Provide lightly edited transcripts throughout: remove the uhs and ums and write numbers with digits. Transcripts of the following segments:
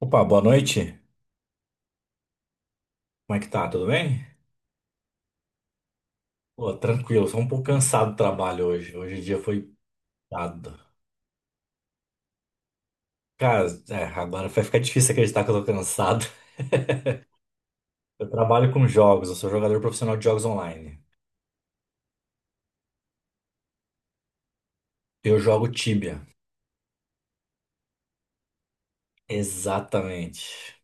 Opa, boa noite. Como é que tá? Tudo bem? Pô, tranquilo, só um pouco cansado do trabalho hoje. Hoje o dia foi dado. Cara, agora vai ficar difícil acreditar que eu tô cansado. Eu trabalho com jogos, eu sou jogador profissional de jogos online. Eu jogo Tibia. Exatamente.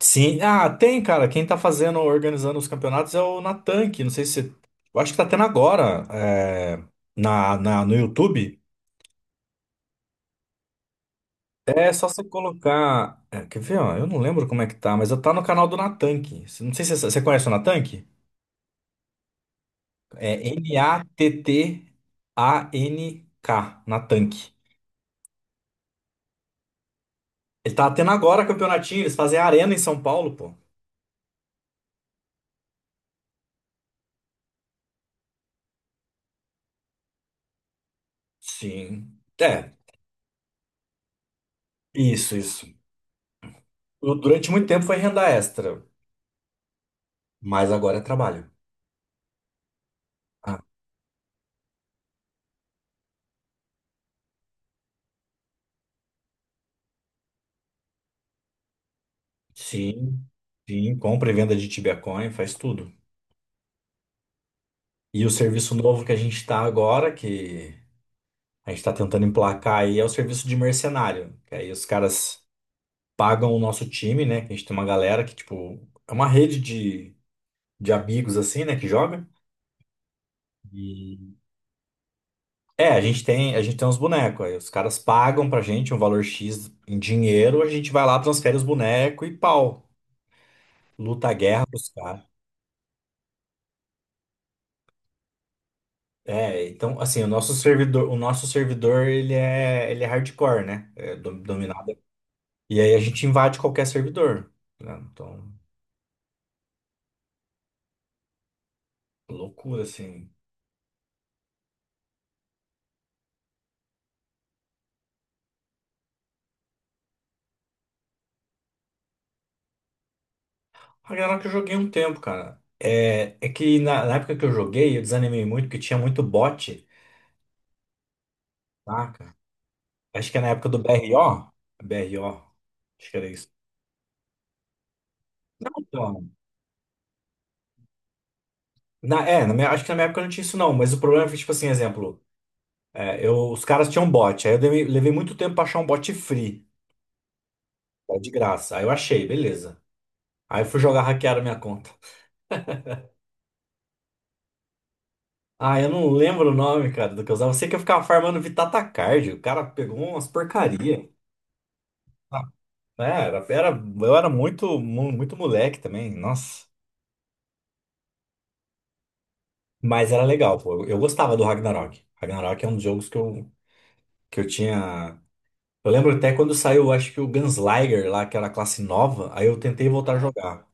Sim, tem, cara. Quem tá fazendo, organizando os campeonatos é o Natan, que não sei se. Eu acho que tá tendo agora, no YouTube. É só você colocar. Quer ver, ó? Eu não lembro como é que tá, mas eu tá no canal do Natank. Não sei se você conhece o Natank. É Nattank, Natank. Ele tá tendo agora campeonatinho, eles fazem arena em São Paulo, pô. Sim. É, isso, isso. Durante muito tempo foi renda extra, mas agora é trabalho. Ah, sim, sim. Compra e venda de Tibiacoin, faz tudo. E o serviço novo que a gente tá agora, que a gente está tentando emplacar aí é o serviço de mercenário. Que aí os caras pagam o nosso time, né? Que a gente tem uma galera que, tipo, é uma rede de amigos assim, né? Que joga. E a gente tem, a gente tem uns bonecos. Aí os caras pagam pra gente um valor X em dinheiro, a gente vai lá, transfere os bonecos e pau. Luta a guerra pros caras. Então, assim, o nosso servidor, ele é hardcore, né? É dominado. E aí a gente invade qualquer servidor, né? Então, loucura, assim. Ragnarok eu joguei um tempo, cara. É que na época que eu joguei, eu desanimei muito, porque tinha muito bot, saca? Acho que é na época do BRO. BRO, acho que era isso. Não, então, na, é, na minha- acho que na minha época não tinha isso não, mas o problema foi, tipo assim, exemplo, os caras tinham bot, aí eu levei muito tempo pra achar um bot free, tá, de graça. Aí eu achei, beleza. Aí eu fui jogar, hackearam minha conta. Ah, eu não lembro o nome, cara, do que eu usava. Eu sei que eu ficava farmando Vitatacard, o cara pegou umas porcaria. Eu era muito, muito moleque também, nossa. Mas era legal, pô. Eu gostava do Ragnarok. Ragnarok é um dos jogos que eu tinha. Eu lembro até quando saiu, acho que o Gunslinger lá, que era a classe nova, aí eu tentei voltar a jogar.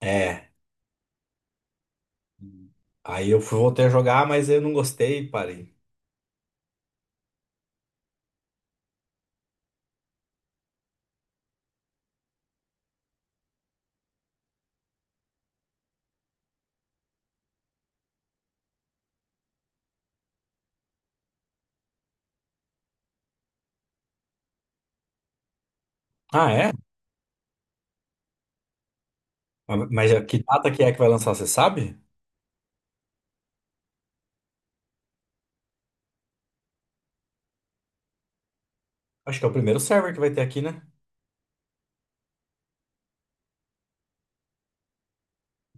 É, Aí eu fui, voltei a jogar, mas eu não gostei e parei. Ah, é? Mas que data que é que vai lançar, você sabe? Acho que é o primeiro server que vai ter aqui, né?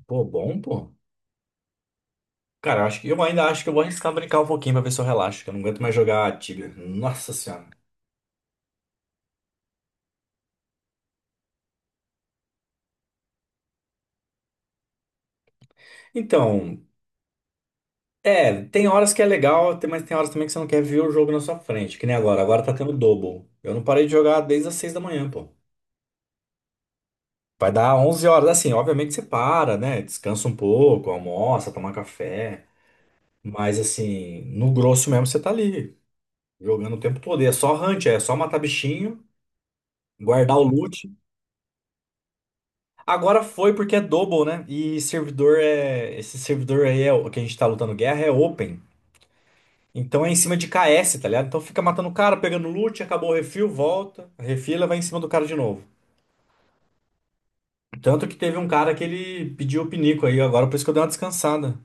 Pô, bom, pô. Cara, eu acho que eu ainda acho que eu vou arriscar brincar um pouquinho pra ver se eu relaxo, que eu não aguento mais jogar Tibia. Nossa senhora. Então, tem horas que é legal, mas tem horas também que você não quer ver o jogo na sua frente, que nem agora. Agora tá tendo double. Eu não parei de jogar desde as 6 da manhã, pô. Vai dar 11 horas, assim, obviamente você para, né? Descansa um pouco, almoça, toma café. Mas, assim, no grosso mesmo você tá ali, jogando o tempo todo. E é só hunt, é só matar bichinho, guardar o loot. Agora foi porque é double, né? E servidor é. Esse servidor aí é o que a gente tá lutando guerra é open. Então é em cima de KS, tá ligado? Então fica matando o cara, pegando loot, acabou o refil, volta, refila, vai em cima do cara de novo. Tanto que teve um cara que ele pediu o pinico aí agora, por isso que eu dei uma descansada.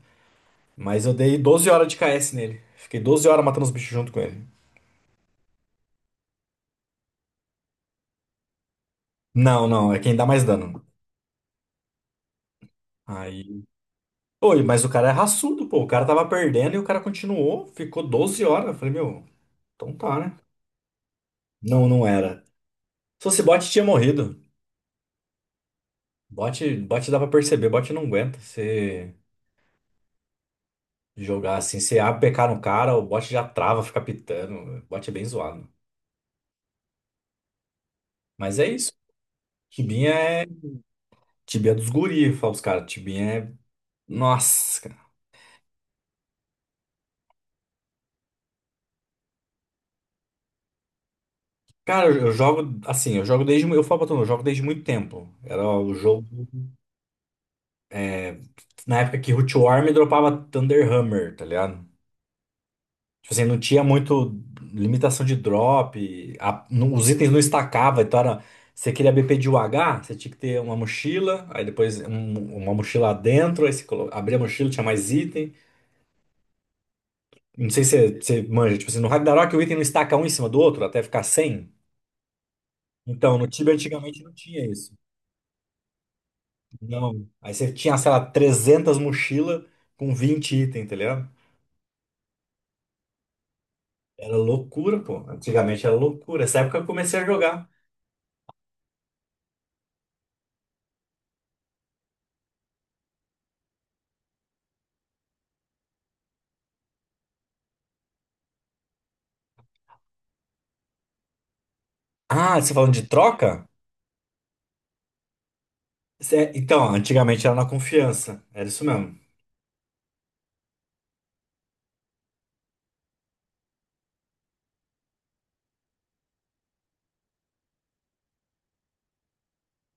Mas eu dei 12 horas de KS nele. Fiquei 12 horas matando os bichos junto com ele. Não, não, é quem dá mais dano. Aí. Oi, mas o cara é raçudo, pô. O cara tava perdendo e o cara continuou, ficou 12 horas. Eu falei, meu, então tá, né? Não, não era. Se fosse bot, tinha morrido. Bot, bot dá pra perceber, bot não aguenta. Você. Jogar assim, você APK no cara, o bot já trava, fica pitando. O bot é bem zoado. Mas é isso. Tibinha é. Tibinha é dos guri, fala os caras. Tibinha é. Nossa, cara. Cara, eu jogo assim, eu jogo Eu falo pra tu, eu jogo desde muito tempo. Era o jogo. Na época que Root War me dropava Thunder Hammer, tá ligado? Tipo assim, não tinha muito limitação de drop, os itens não estacavam, então era. Você queria BP de UH, você tinha que ter uma mochila, aí depois uma mochila lá dentro, aí você abria a mochila, tinha mais item. Não sei se você manja, tipo assim, no Ragnarok o item não estaca um em cima do outro até ficar 100. Então, no Tibia antigamente não tinha isso. Não. Aí você tinha, sei lá, 300 mochilas com 20 itens, tá ligado? Era loucura, pô. Antigamente era loucura. Essa época eu comecei a jogar. Ah, você falando de troca? Então, antigamente era na confiança. Era isso mesmo.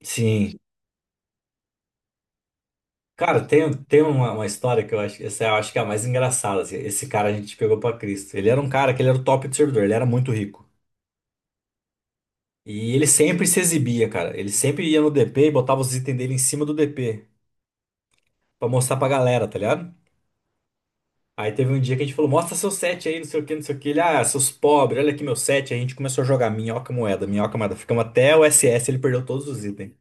Sim. Cara, tem uma história que eu acho, essa eu acho que é a mais engraçada, assim. Esse cara a gente pegou pra Cristo. Ele era um cara que ele era o top do servidor, ele era muito rico. E ele sempre se exibia, cara. Ele sempre ia no DP e botava os itens dele em cima do DP pra mostrar pra galera, tá ligado? Aí teve um dia que a gente falou: mostra seu set aí, não sei o que, não sei o que. Ele, ah, seus pobres, olha aqui meu set. Aí a gente começou a jogar minhoca moeda, minhoca moeda. Ficamos até o SS, ele perdeu todos os itens.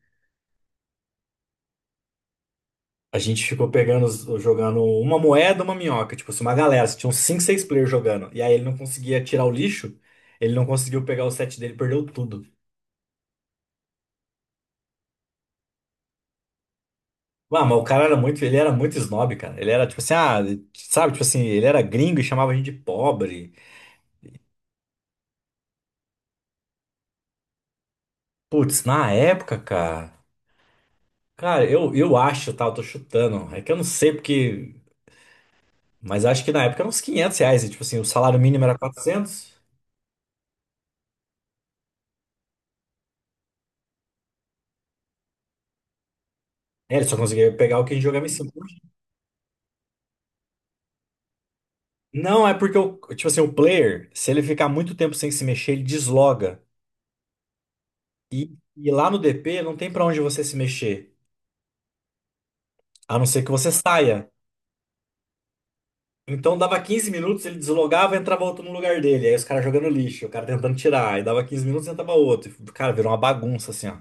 A gente ficou pegando, jogando uma moeda, uma minhoca, tipo assim, uma galera, tinham cinco seis players jogando. E aí ele não conseguia tirar o lixo, ele não conseguiu pegar o set dele, perdeu tudo. Ah, mas o cara era muito, ele era muito snob, cara. Ele era tipo assim, ah, sabe, tipo assim, ele era gringo e chamava a gente de pobre. Putz, na época, cara, cara, eu acho, tá, eu tô chutando. É que eu não sei porque, mas acho que na época era uns R$ 500, e, tipo assim, o salário mínimo era 400. É, ele só conseguia pegar o que a gente jogava em cima. Não, é porque o, tipo assim, o player, se ele ficar muito tempo sem se mexer, ele desloga. E lá no DP não tem pra onde você se mexer, a não ser que você saia. Então dava 15 minutos, ele deslogava e entrava outro no lugar dele. Aí os caras jogando lixo, o cara tentando tirar. Aí dava 15 minutos e entrava outro. E, cara, virou uma bagunça assim, ó.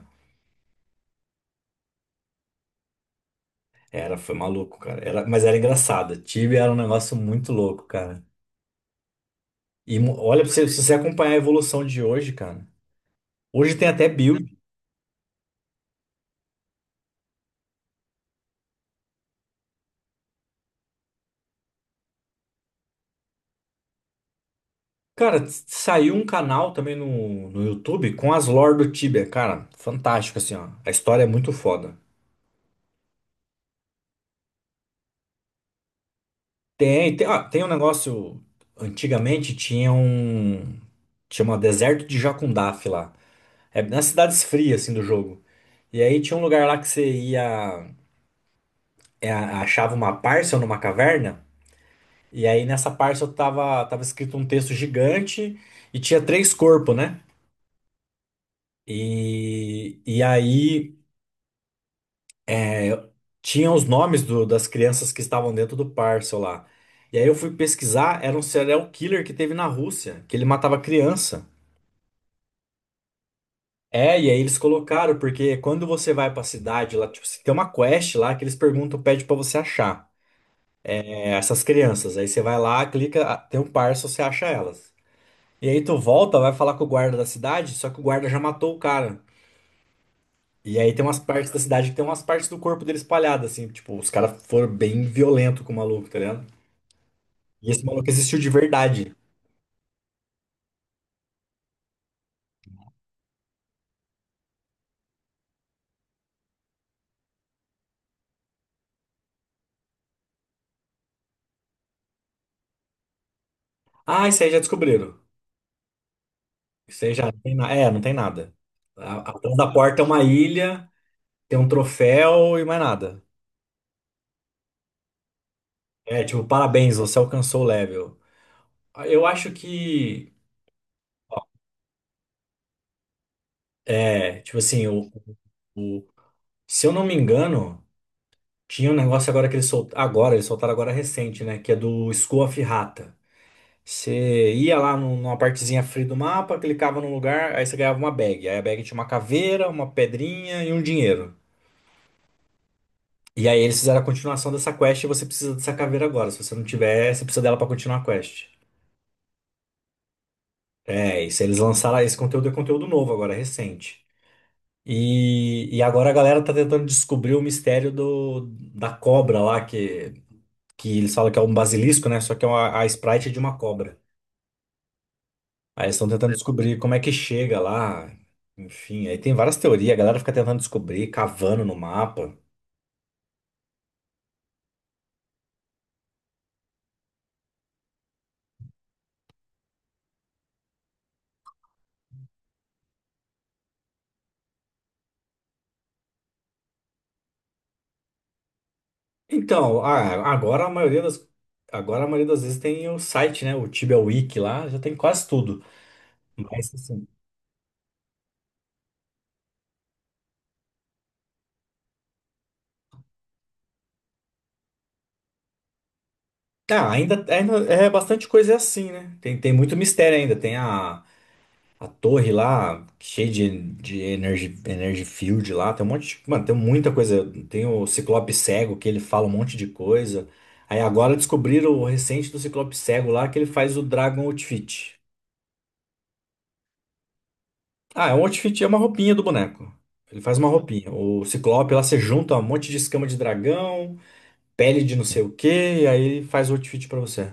Era, foi maluco, cara. Era, mas era engraçado. Tibia era um negócio muito louco, cara. E olha, pra você, se você acompanhar a evolução de hoje, cara. Hoje tem até build. Cara, saiu um canal também no YouTube com as lore do Tibia, cara, fantástico assim, ó. A história é muito foda. Tem um negócio, antigamente tinha um, chama Deserto de Jacundaf lá. É nas cidades frias assim do jogo. E aí tinha um lugar lá que você ia, achava uma parcel numa caverna, e aí nessa parcel tava escrito um texto gigante e tinha três corpos, né? E aí, É, tinha os nomes das crianças que estavam dentro do parcel lá. E aí eu fui pesquisar, era um serial killer que teve na Rússia, que ele matava criança. E aí eles colocaram, porque quando você vai pra cidade lá, tipo, se tem uma quest lá que eles perguntam, pede pra você achar essas crianças. Aí você vai lá, clica, ah, tem um parcel, você acha elas. E aí tu volta, vai falar com o guarda da cidade, só que o guarda já matou o cara. E aí tem umas partes da cidade que tem umas partes do corpo dele espalhadas, assim, tipo, os caras foram bem violentos com o maluco, tá ligado? E esse maluco existiu de verdade. Ah, isso aí já descobriram. Isso aí já não tem nada. É, não tem nada. Atrás da porta é uma ilha, tem um troféu e mais nada. É, tipo, parabéns, você alcançou o level. Eu acho que. É, tipo assim, o- se eu não me engano, tinha um negócio agora que eles soltaram. Agora, eles soltaram agora recente, né? Que é do School of Rata. Você ia lá numa partezinha free do mapa, clicava num lugar, aí você ganhava uma bag. Aí a bag tinha uma caveira, uma pedrinha e um dinheiro. E aí eles fizeram a continuação dessa quest e você precisa dessa caveira agora. Se você não tiver, você precisa dela pra continuar a quest. É, isso. Eles lançaram esse conteúdo, é conteúdo novo agora, recente. E agora a galera tá tentando descobrir o mistério da cobra lá, que eles falam que é um basilisco, né? Só que é a Sprite é de uma cobra. Aí eles estão tentando descobrir como é que chega lá. Enfim, aí tem várias teorias, a galera fica tentando descobrir, cavando no mapa. Então, agora a maioria das vezes tem o site, né? O Tibia Wiki lá, já tem quase tudo. Mas assim, tá, ainda é bastante coisa é assim, né? Tem muito mistério ainda. Tem a torre lá, cheia de energy field lá, tem um monte de, mano, tem muita coisa. Tem o Ciclope Cego, que ele fala um monte de coisa. Aí agora descobriram o recente do Ciclope Cego lá, que ele faz o Dragon Outfit. Ah, é um outfit, é uma roupinha do boneco. Ele faz uma roupinha. O Ciclope lá você junta um monte de escama de dragão, pele de não sei o quê, e aí ele faz o outfit pra você.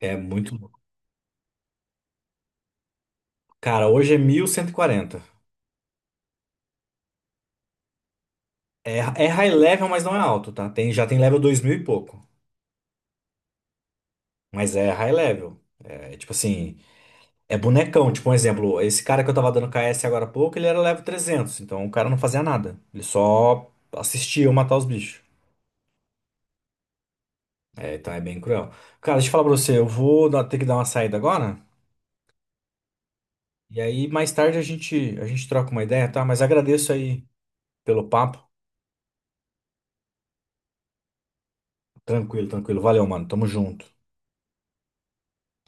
É muito louco. Cara, hoje é 1140. É high level, mas não é alto, tá? Já tem level 2 mil e pouco. Mas é high level. É tipo assim, é bonecão. Tipo um exemplo, esse cara que eu tava dando KS agora há pouco, ele era level 300. Então o cara não fazia nada. Ele só assistia eu matar os bichos. É, então é bem cruel. Cara, deixa eu falar pra você, eu vou ter que dar uma saída agora. E aí, mais tarde a gente troca uma ideia, tá? Mas agradeço aí pelo papo. Tranquilo, tranquilo. Valeu, mano. Tamo junto.